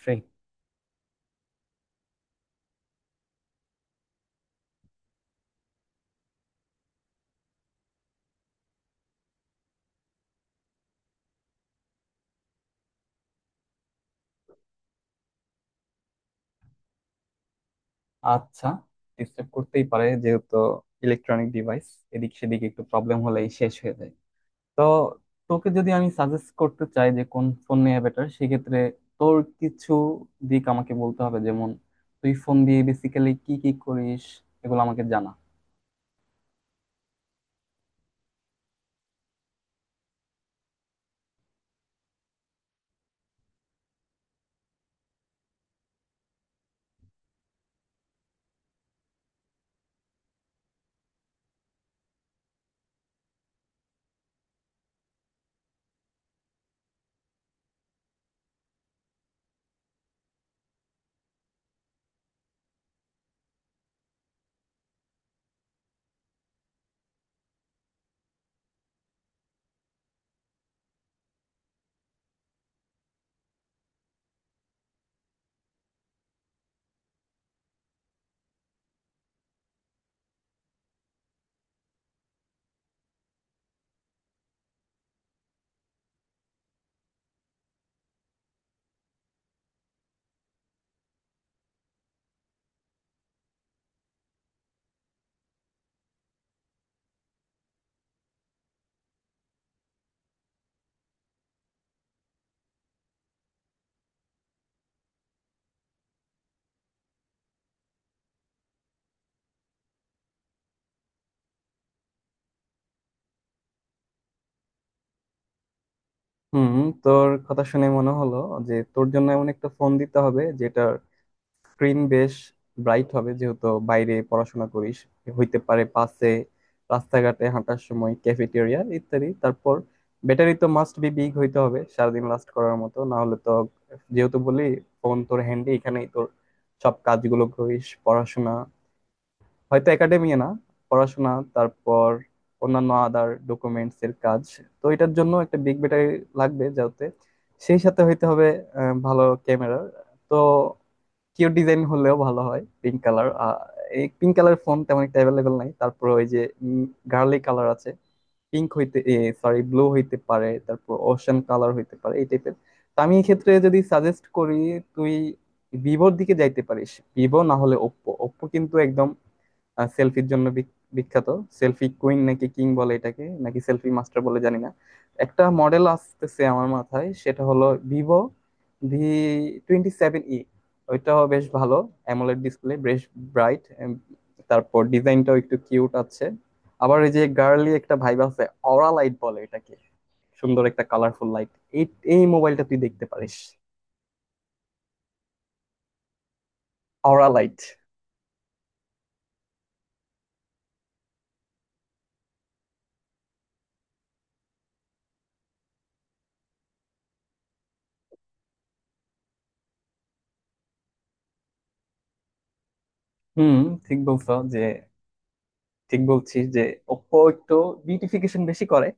Free. আচ্ছা, disturb করতেই পারে, যেহেতু ইলেকট্রনিক ডিভাইস। এদিক সেদিক একটু প্রবলেম হলেই শেষ হয়ে যায়। তো তোকে যদি আমি সাজেস্ট করতে চাই যে কোন ফোন নেওয়া বেটার, সেক্ষেত্রে তোর কিছু দিক আমাকে বলতে হবে, যেমন তুই ফোন দিয়ে বেসিক্যালি কি কি করিস, এগুলো আমাকে জানা। হুম, তোর কথা শুনে মনে হলো যে তোর জন্য এমন একটা ফোন দিতে হবে যেটার স্ক্রিন বেশ ব্রাইট হবে, যেহেতু বাইরে পড়াশোনা করিস, হইতে পারে পাশে রাস্তাঘাটে হাঁটার সময়, ক্যাফেটেরিয়া ইত্যাদি। তারপর ব্যাটারি তো মাস্ট বি বিগ হইতে হবে, সারাদিন লাস্ট করার মতো, না হলে তো। যেহেতু বলি ফোন তোর হ্যান্ডে, এখানেই তোর সব কাজগুলো করিস, পড়াশোনা, হয়তো একাডেমি না, পড়াশোনা, তারপর অন্যান্য আদার ডকুমেন্টস এর কাজ। তো এটার জন্য একটা বিগ ব্যাটারি লাগবে, যাতে সেই সাথে হইতে হবে ভালো ক্যামেরা। তো কিউ ডিজাইন হলেও ভালো হয়, পিঙ্ক কালার। এই পিঙ্ক কালার ফোন তেমন একটা অ্যাভেলেবেল নাই, তারপর ওই যে গার্লি কালার আছে, পিঙ্ক হইতে, সরি ব্লু হইতে পারে, তারপর ওশান কালার হইতে পারে এই টাইপের। তো আমি এক্ষেত্রে যদি সাজেস্ট করি, তুই ভিভোর দিকে যাইতে পারিস। ভিভো না হলে ওপ্পো। ওপ্পো কিন্তু একদম সেলফির জন্য বিখ্যাত। সেলফি কুইন নাকি কিং বলে এটাকে, নাকি সেলফি মাস্টার বলে জানি না। একটা মডেল আসতেছে আমার মাথায়, সেটা হলো ভিভো V27e। ওইটাও বেশ ভালো, অ্যামোলেড ডিসপ্লে বেশ ব্রাইট, তারপর ডিজাইনটাও একটু কিউট আছে, আবার ওই যে গার্লি একটা ভাইব আছে, অরা লাইট বলে এটাকে, সুন্দর একটা কালারফুল লাইট। এই এই মোবাইলটা তুই দেখতে পারিস, অরা লাইট। হুম, ঠিক বলছো যে ঠিক বলছিস যে ওপো একটু বিউটিফিকেশন বেশি করে।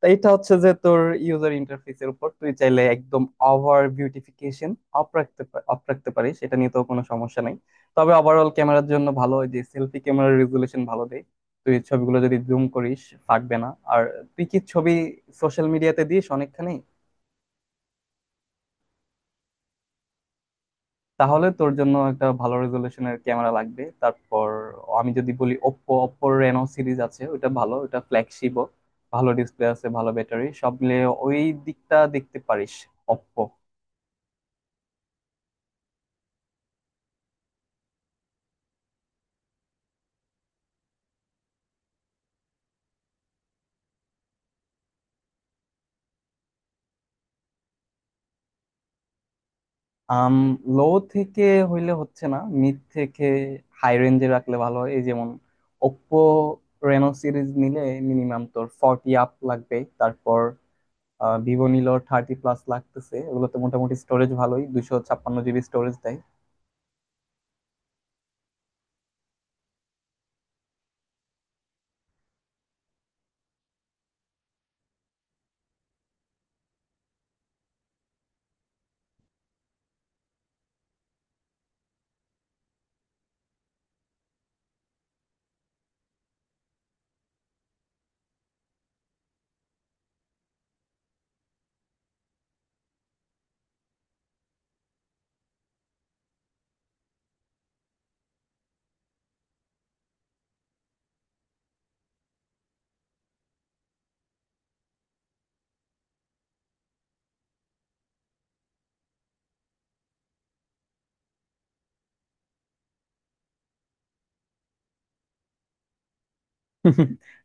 তাই এটা হচ্ছে যে তোর ইউজার ইন্টারফেসের উপর তুই চাইলে একদম ওভার বিউটিফিকেশন off রাখতে পারিস, এটা নিয়ে তো কোনো সমস্যা নাই। তবে ওভারঅল ক্যামেরার জন্য ভালো, ওই যে সেলফি ক্যামেরার রেজুলেশন ভালো দেয়। তুই ছবিগুলো যদি জুম করিস, ফাটবে না। আর তুই কি ছবি সোশ্যাল মিডিয়াতে দিস অনেকখানি? তাহলে তোর জন্য একটা ভালো রেজলিউশনের ক্যামেরা লাগবে। তারপর আমি যদি বলি ওপ্পো, ওপ্পোর রেনো সিরিজ আছে, ওটা ভালো, ওটা ফ্ল্যাগশিপও, ভালো ডিসপ্লে আছে, ভালো ব্যাটারি, সব মিলে ওই দিকটা দেখতে পারিস, ওপ্পো। আম লো থেকে হইলে হচ্ছে না, মিড থেকে হাই রেঞ্জে রাখলে ভালো হয়, এই যেমন ওপ্পো রেনো সিরিজ নিলে মিনিমাম তোর ফর্টি আপ লাগবে, তারপর ভিভো নিলো থার্টি প্লাস লাগতেছে। ওগুলোতে মোটামুটি স্টোরেজ ভালোই, 256 জিবি স্টোরেজ দেয়।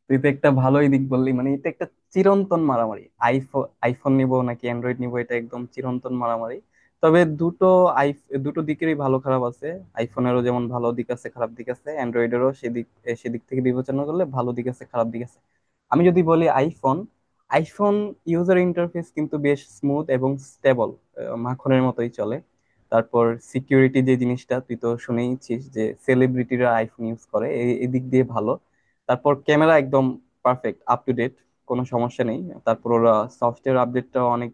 তুই তো একটা ভালোই দিক বললি, মানে এটা একটা চিরন্তন মারামারি, আইফোন আইফোন নিব নাকি অ্যান্ড্রয়েড নিব, এটা একদম চিরন্তন মারামারি। তবে আই দুটো দিকেরই ভালো খারাপ আছে। আইফোনেরও যেমন ভালো দিক আছে, খারাপ দিক আছে, অ্যান্ড্রয়েডেরও সেদিক থেকে বিবেচনা করলে ভালো দিক আছে, খারাপ দিক আছে। আমি যদি বলি আইফোন। আইফোন ইউজার ইন্টারফেস কিন্তু বেশ স্মুথ এবং স্টেবল, মাখনের মতোই চলে। তারপর সিকিউরিটি, যে জিনিসটা তুই তো শুনেইছিস যে সেলিব্রিটিরা আইফোন ইউজ করে, এই এই দিক দিয়ে ভালো। তারপর ক্যামেরা একদম পারফেক্ট, আপ টু ডেট, কোনো সমস্যা নেই। তারপর ওরা সফটওয়্যার আপডেটটা অনেক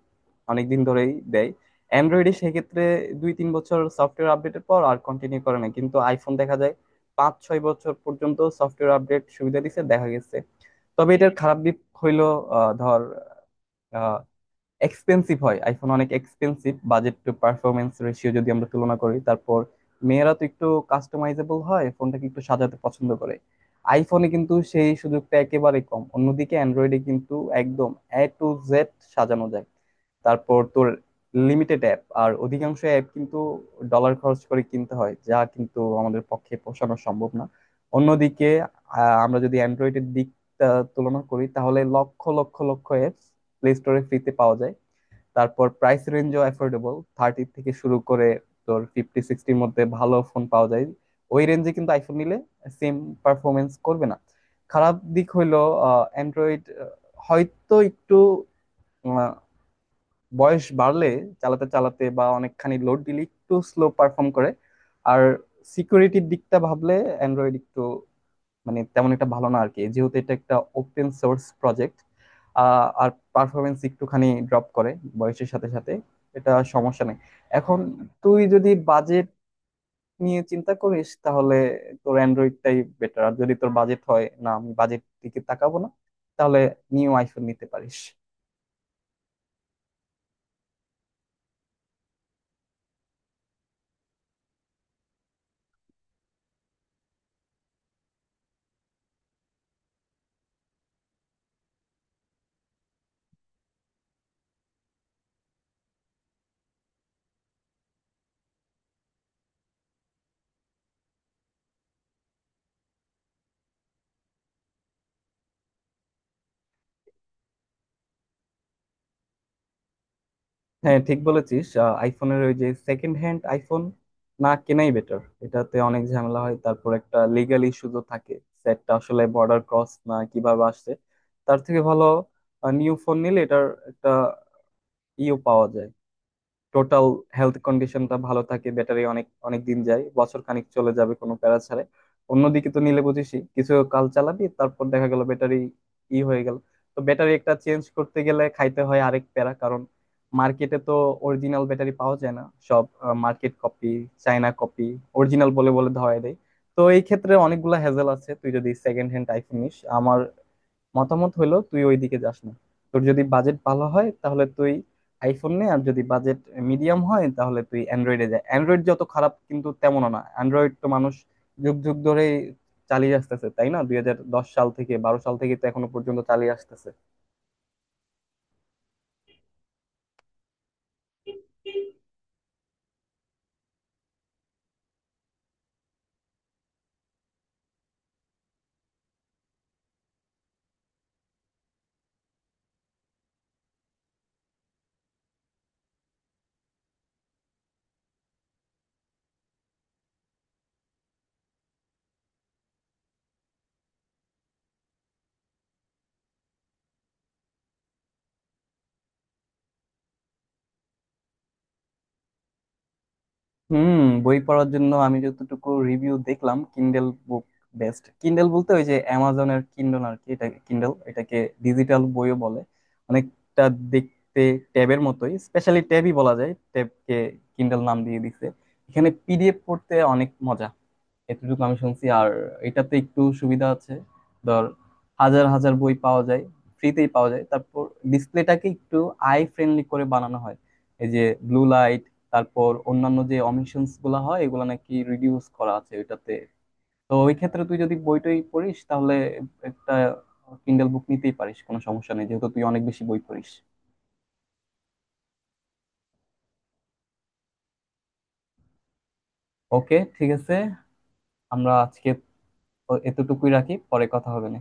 অনেক দিন ধরেই দেয়। অ্যান্ড্রয়েডে সেক্ষেত্রে 2-3 বছর সফটওয়্যার আপডেটের পর আর কন্টিনিউ করে না, কিন্তু আইফোন দেখা যায় 5-6 বছর পর্যন্ত সফটওয়্যার আপডেট সুবিধা দিচ্ছে, দেখা গেছে। তবে এটার খারাপ দিক হইলো, ধর, এক্সপেন্সিভ হয়, আইফোন অনেক expensive, budget to performance ratio যদি আমরা তুলনা করি। তারপর মেয়েরা তো একটু কাস্টমাইজেবল হয়, ফোনটাকে একটু সাজাতে পছন্দ করে, আইফোনে কিন্তু সেই সুযোগটা একেবারে কম, অন্যদিকে অ্যান্ড্রয়েডে কিন্তু একদম A to Z সাজানো যায়। তারপর তোর লিমিটেড অ্যাপ, আর অধিকাংশ অ্যাপ কিন্তু ডলার খরচ করে কিনতে হয়, যা কিন্তু আমাদের পক্ষে পোষানো সম্ভব না। অন্যদিকে আমরা যদি অ্যান্ড্রয়েডের দিকটা তুলনা করি, তাহলে লক্ষ লক্ষ লক্ষ অ্যাপস প্লে স্টোরে ফ্রিতে পাওয়া যায়। তারপর প্রাইস রেঞ্জও অ্যাফোর্ডেবল, থার্টি থেকে শুরু করে তোর ফিফটি সিক্সটির মধ্যে ভালো ফোন পাওয়া যায়। ওই রেঞ্জে কিন্তু আইফোন নিলে সেম পারফরমেন্স করবে না। খারাপ দিক হইলো, অ্যান্ড্রয়েড হয়তো একটু আহ, বয়স বাড়লে, চালাতে চালাতে বা অনেকখানি লোড দিলে একটু স্লো পারফর্ম করে। আর সিকিউরিটির দিকটা ভাবলে অ্যান্ড্রয়েড একটু, মানে তেমন একটা ভালো না আর কি, যেহেতু এটা একটা ওপেন সোর্স প্রজেক্ট। আর পারফরমেন্স একটুখানি ড্রপ করে বয়সের সাথে সাথে, এটা সমস্যা নেই। এখন তুই যদি বাজেট নিয়ে চিন্তা করিস তাহলে তোর অ্যান্ড্রয়েডটাই বেটার, আর যদি তোর বাজেট হয়, না আমি বাজেট দিকে তাকাবো না, তাহলে নিউ আইফোন নিতে পারিস। হ্যাঁ, ঠিক বলেছিস, আইফোনের ওই যে সেকেন্ড হ্যান্ড আইফোন না কেনাই বেটার, এটাতে অনেক ঝামেলা হয়, তারপর একটা লিগাল ইস্যু তো থাকে, সেটটা আসলে বর্ডার ক্রস না কিভাবে আসছে। তার থেকে ভালো নিউ ফোন নিলে এটার একটা ইও পাওয়া যায়, টোটাল হেলথ কন্ডিশনটা ভালো থাকে, ব্যাটারি অনেক অনেক দিন যায়, বছর খানিক চলে যাবে কোনো প্যারা ছাড়াই। অন্যদিকে তো নিলে বুঝিসই, কিছু কাল চালাবি তারপর দেখা গেল ব্যাটারি ই হয়ে গেল। তো ব্যাটারি একটা চেঞ্জ করতে গেলে খাইতে হয় আরেক প্যারা, কারণ মার্কেটে তো অরিজিনাল ব্যাটারি পাওয়া যায় না, সব market copy, China copy, original বলে বলে ধরায় দেয়। তো এই ক্ষেত্রে অনেকগুলা হ্যাজেল আছে, তুই যদি সেকেন্ড হ্যান্ড আইফোন নিস। আমার মতামত হলো, তুই ওইদিকে যাস না। তোর যদি বাজেট ভালো হয় তাহলে তুই আইফোন নে, আর যদি বাজেট মিডিয়াম হয় তাহলে তুই অ্যান্ড্রয়েডে যা। অ্যান্ড্রয়েড যত খারাপ কিন্তু তেমনও না, অ্যান্ড্রয়েড তো মানুষ যুগ যুগ ধরে চালিয়ে আসতেছে, তাই না? 2010 সাল থেকে, বারো সাল থেকে তো এখনো পর্যন্ত চালিয়ে আসতেছে। হুম, বই পড়ার জন্য আমি যতটুকু রিভিউ দেখলাম, কিন্ডেল বুক বেস্ট। কিন্ডেল বলতে ওই যে অ্যামাজনের কিন্ডল আর কি, এটা কিন্ডল, এটাকে ডিজিটাল বইও বলে, অনেকটা দেখতে ট্যাবের মতোই, স্পেশালি ট্যাবই বলা যায়, ট্যাবকে কিন্ডল নাম দিয়ে দিছে। এখানে পিডিএফ পড়তে অনেক মজা, এতটুকু আমি শুনছি। আর এটাতে একটু সুবিধা আছে, ধর হাজার হাজার বই পাওয়া যায়, ফ্রিতেই পাওয়া যায়। তারপর ডিসপ্লেটাকে একটু আই ফ্রেন্ডলি করে বানানো হয়, এই যে ব্লু লাইট তারপর অন্যান্য যে অমিশনস গুলা হয় এগুলা নাকি রিডিউস করা আছে ওইটাতে। তো ওই ক্ষেত্রে তুই যদি বইটই পড়িস তাহলে একটা কিন্ডেল বুক নিতেই পারিস, কোনো সমস্যা নেই, যেহেতু তুই অনেক বেশি বই পড়িস। ওকে, ঠিক আছে। আমরা আজকে এতটুকুই রাখি, পরে কথা হবে না।